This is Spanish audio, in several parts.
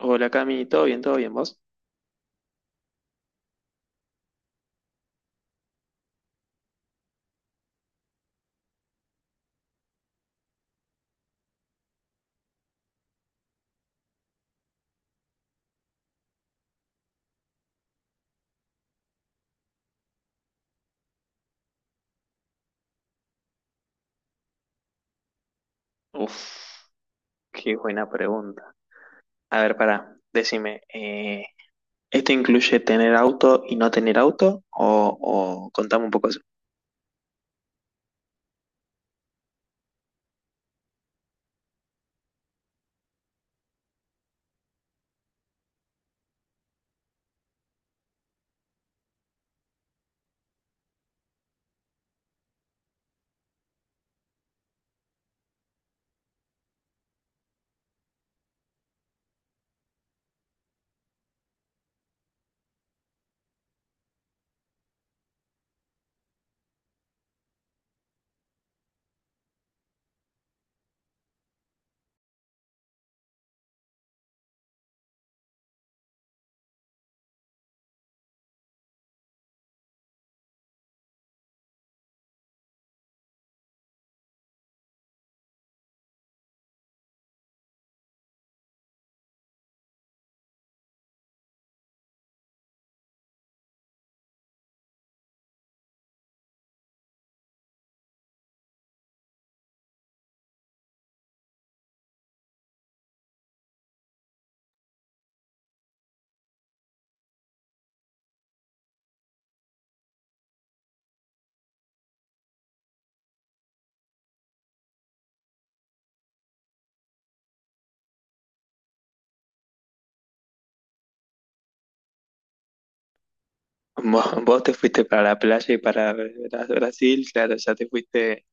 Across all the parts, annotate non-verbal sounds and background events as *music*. Hola Cami, ¿todo bien? ¿Todo bien vos? Uf, qué buena pregunta. A ver, pará, decime, ¿esto incluye tener auto y no tener auto? O contame un poco eso. *laughs* Vos te fuiste para la playa y para Brasil, claro, ya te fuiste.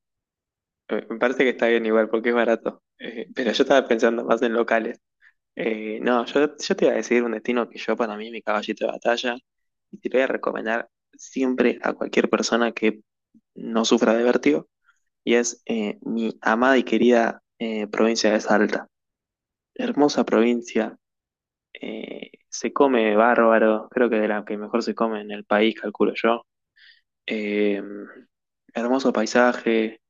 Me parece que está bien igual porque es barato. Pero yo estaba pensando más en locales. No, yo te iba a decir un destino que yo para mí, mi caballito de batalla, y te lo voy a recomendar siempre a cualquier persona que no sufra de vértigo y es mi amada y querida provincia de Salta. Hermosa provincia, se come bárbaro, creo que de la que mejor se come en el país, calculo yo. Eh, Hermoso paisaje,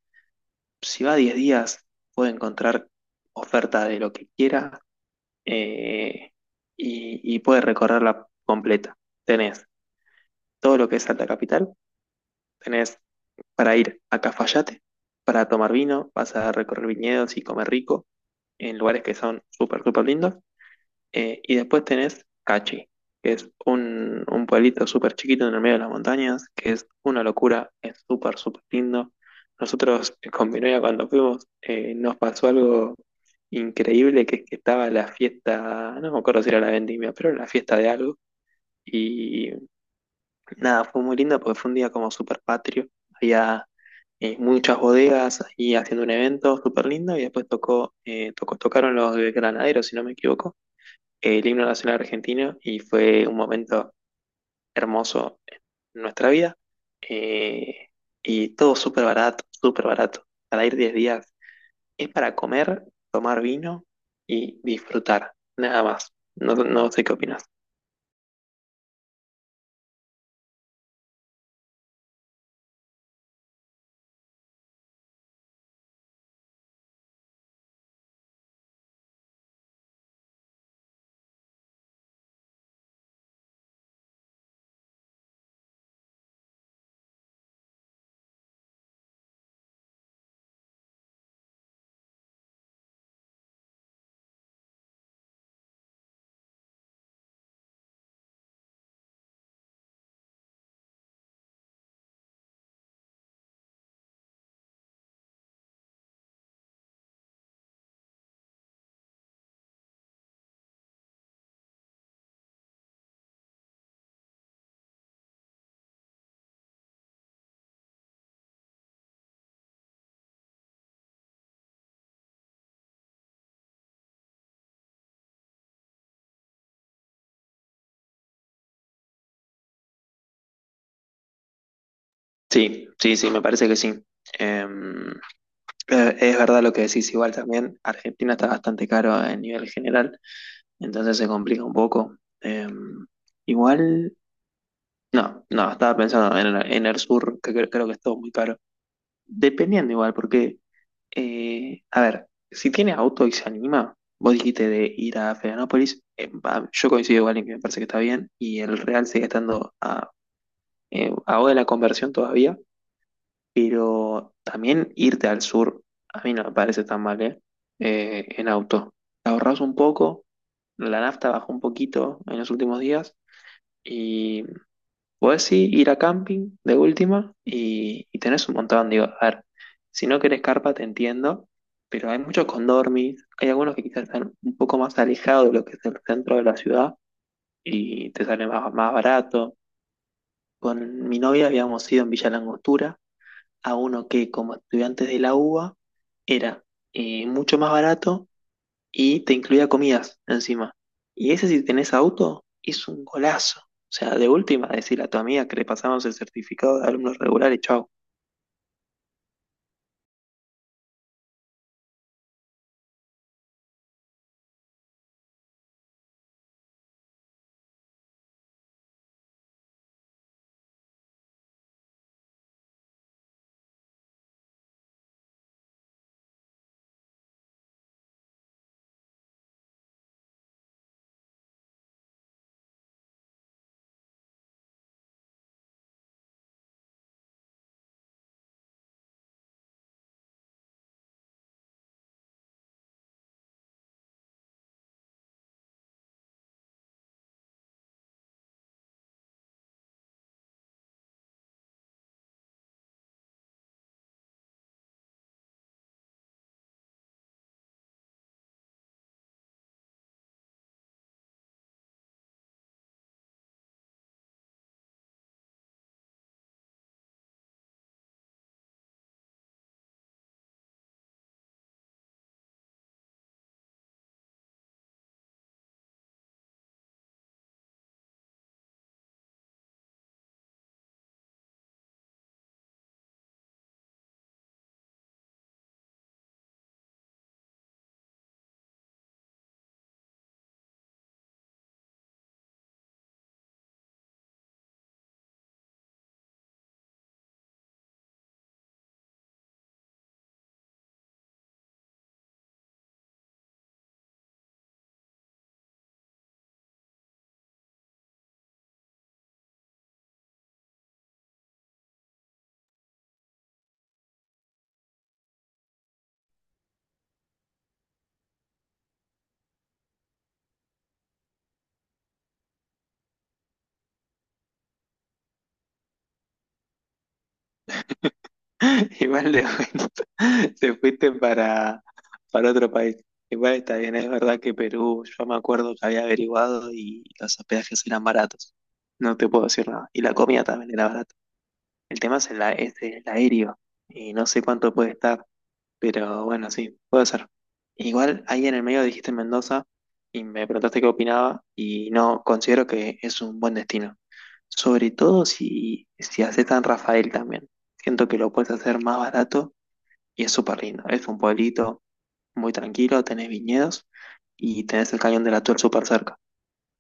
si va 10 días puede encontrar oferta de lo que quiera eh, y, puede recorrerla completa. Tenés todo lo que es Salta Capital, tenés para ir a Cafayate, para tomar vino, vas a recorrer viñedos y comer rico en lugares que son súper, súper lindos. Y después tenés Cachi, que es un pueblito súper chiquito en el medio de las montañas, que es una locura, es súper, súper lindo. Nosotros *laughs* con mi novia cuando fuimos nos pasó algo increíble, que es que estaba la fiesta, no me acuerdo si era la vendimia, pero era la fiesta de algo. Y Nada, fue muy lindo porque fue un día como súper patrio. Había muchas bodegas ahí haciendo un evento súper lindo y después tocaron los de Granaderos, si no me equivoco, el himno nacional argentino y fue un momento hermoso en nuestra vida. Eh, y todo súper barato, súper barato. Para ir 10 días es para comer, tomar vino y disfrutar, nada más. No sé qué opinas. Sí, sí, sí, me parece que sí. Em, Es verdad lo que decís, igual también Argentina está bastante caro a nivel general, entonces se complica un poco. Eh, Igual, no, no, estaba pensando en, en el sur, que creo, que es todo muy caro. Dependiendo igual, porque, a ver, si tiene auto y se anima, vos dijiste de ir a Florianópolis, va, yo coincido igual en que me parece que está bien, y el Real sigue estando a hora de la conversión todavía. Pero también irte al sur, a mí no me parece tan mal, ¿eh? En auto. Ahorras un poco, la nafta bajó un poquito en los últimos días y podés sí ir a camping de última y, tenés un montón. Digo, a ver, si no querés carpa te entiendo, pero hay muchos condormis, hay algunos que quizás están un poco más alejados de lo que es el centro de la ciudad y te sale más, más barato. Con mi novia habíamos ido en Villa Langostura a uno que como estudiantes de la UBA era mucho más barato y te incluía comidas encima. Y ese si tenés auto es un golazo. O sea, de última, decirle a tu amiga que le pasamos el certificado de alumnos regulares, chau. *laughs* Igual de *laughs* te fuiste para otro país. Igual está bien, es verdad que Perú, yo me acuerdo que había averiguado y los hospedajes eran baratos. No te puedo decir nada. Y la comida también era barata. El tema es es el aéreo y no sé cuánto puede estar, pero bueno, sí, puede ser. Igual ahí en el medio dijiste Mendoza y me preguntaste qué opinaba y no, considero que es un buen destino. Sobre todo si haces San Rafael también. Siento que lo puedes hacer más barato y es súper lindo. Es un pueblito muy tranquilo, tenés viñedos y tenés el Cañón de la Tuel súper cerca.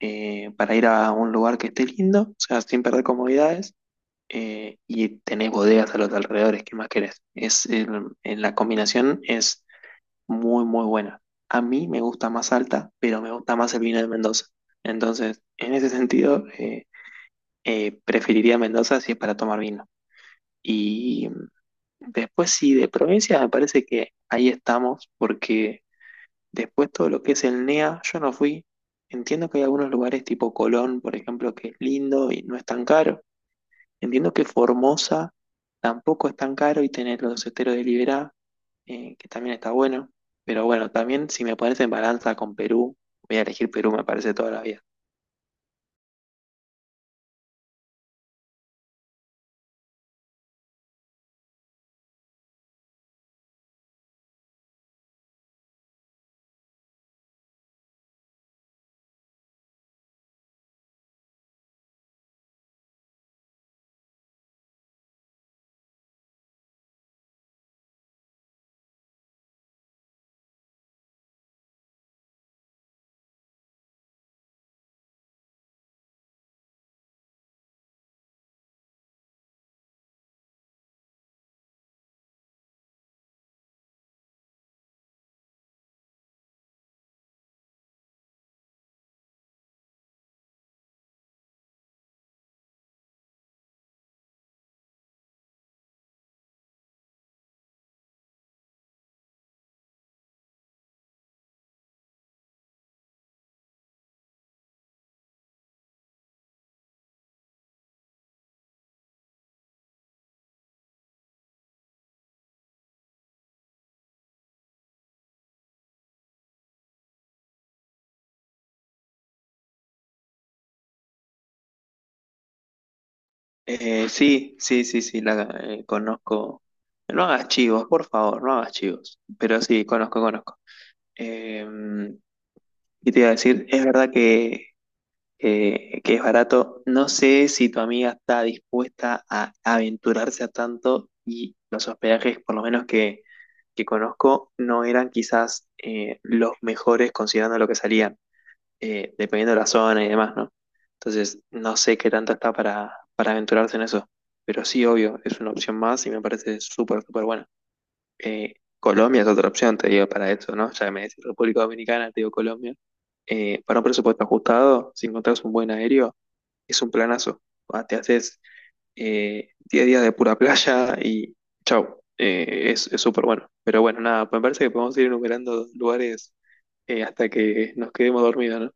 Para ir a un lugar que esté lindo, o sea, sin perder comodidades y tenés bodegas a los alrededores, ¿qué más querés? En la combinación es muy, muy buena. A mí me gusta más alta, pero me gusta más el vino de Mendoza. Entonces, en ese sentido, preferiría Mendoza si es para tomar vino. Y mm, después, sí, de provincia, me parece que ahí estamos, porque después todo lo que es el NEA, yo no fui. Entiendo que hay algunos lugares tipo Colón, por ejemplo, que es lindo y no es tan caro. Entiendo que Formosa tampoco es tan caro y tener los esteros de Liberá, que también está bueno. Pero bueno, también si me pones en balanza con Perú, voy a elegir Perú, me parece toda la vida. Sí, sí, sí, sí, la conozco. No hagas chivos, por favor, no hagas chivos. Pero sí, conozco, conozco. Eh, y te iba a decir, es verdad que es barato. No sé si tu amiga está dispuesta a aventurarse a tanto y los hospedajes, por lo menos que conozco, no eran quizás los mejores considerando lo que salían, dependiendo de la zona y demás, ¿no? Entonces, no sé qué tanto está para aventurarse en eso, pero sí, obvio, es una opción más y me parece súper, súper buena. Eh, Colombia es otra opción, te digo, para eso, ¿no? Ya que me decís República Dominicana, te digo Colombia. Para un presupuesto ajustado, si encontrás un buen aéreo, es un planazo. Ah, te haces 10 días de pura playa y chau. Es súper bueno. Pero bueno, nada, me parece que podemos ir enumerando lugares hasta que nos quedemos dormidos, ¿no?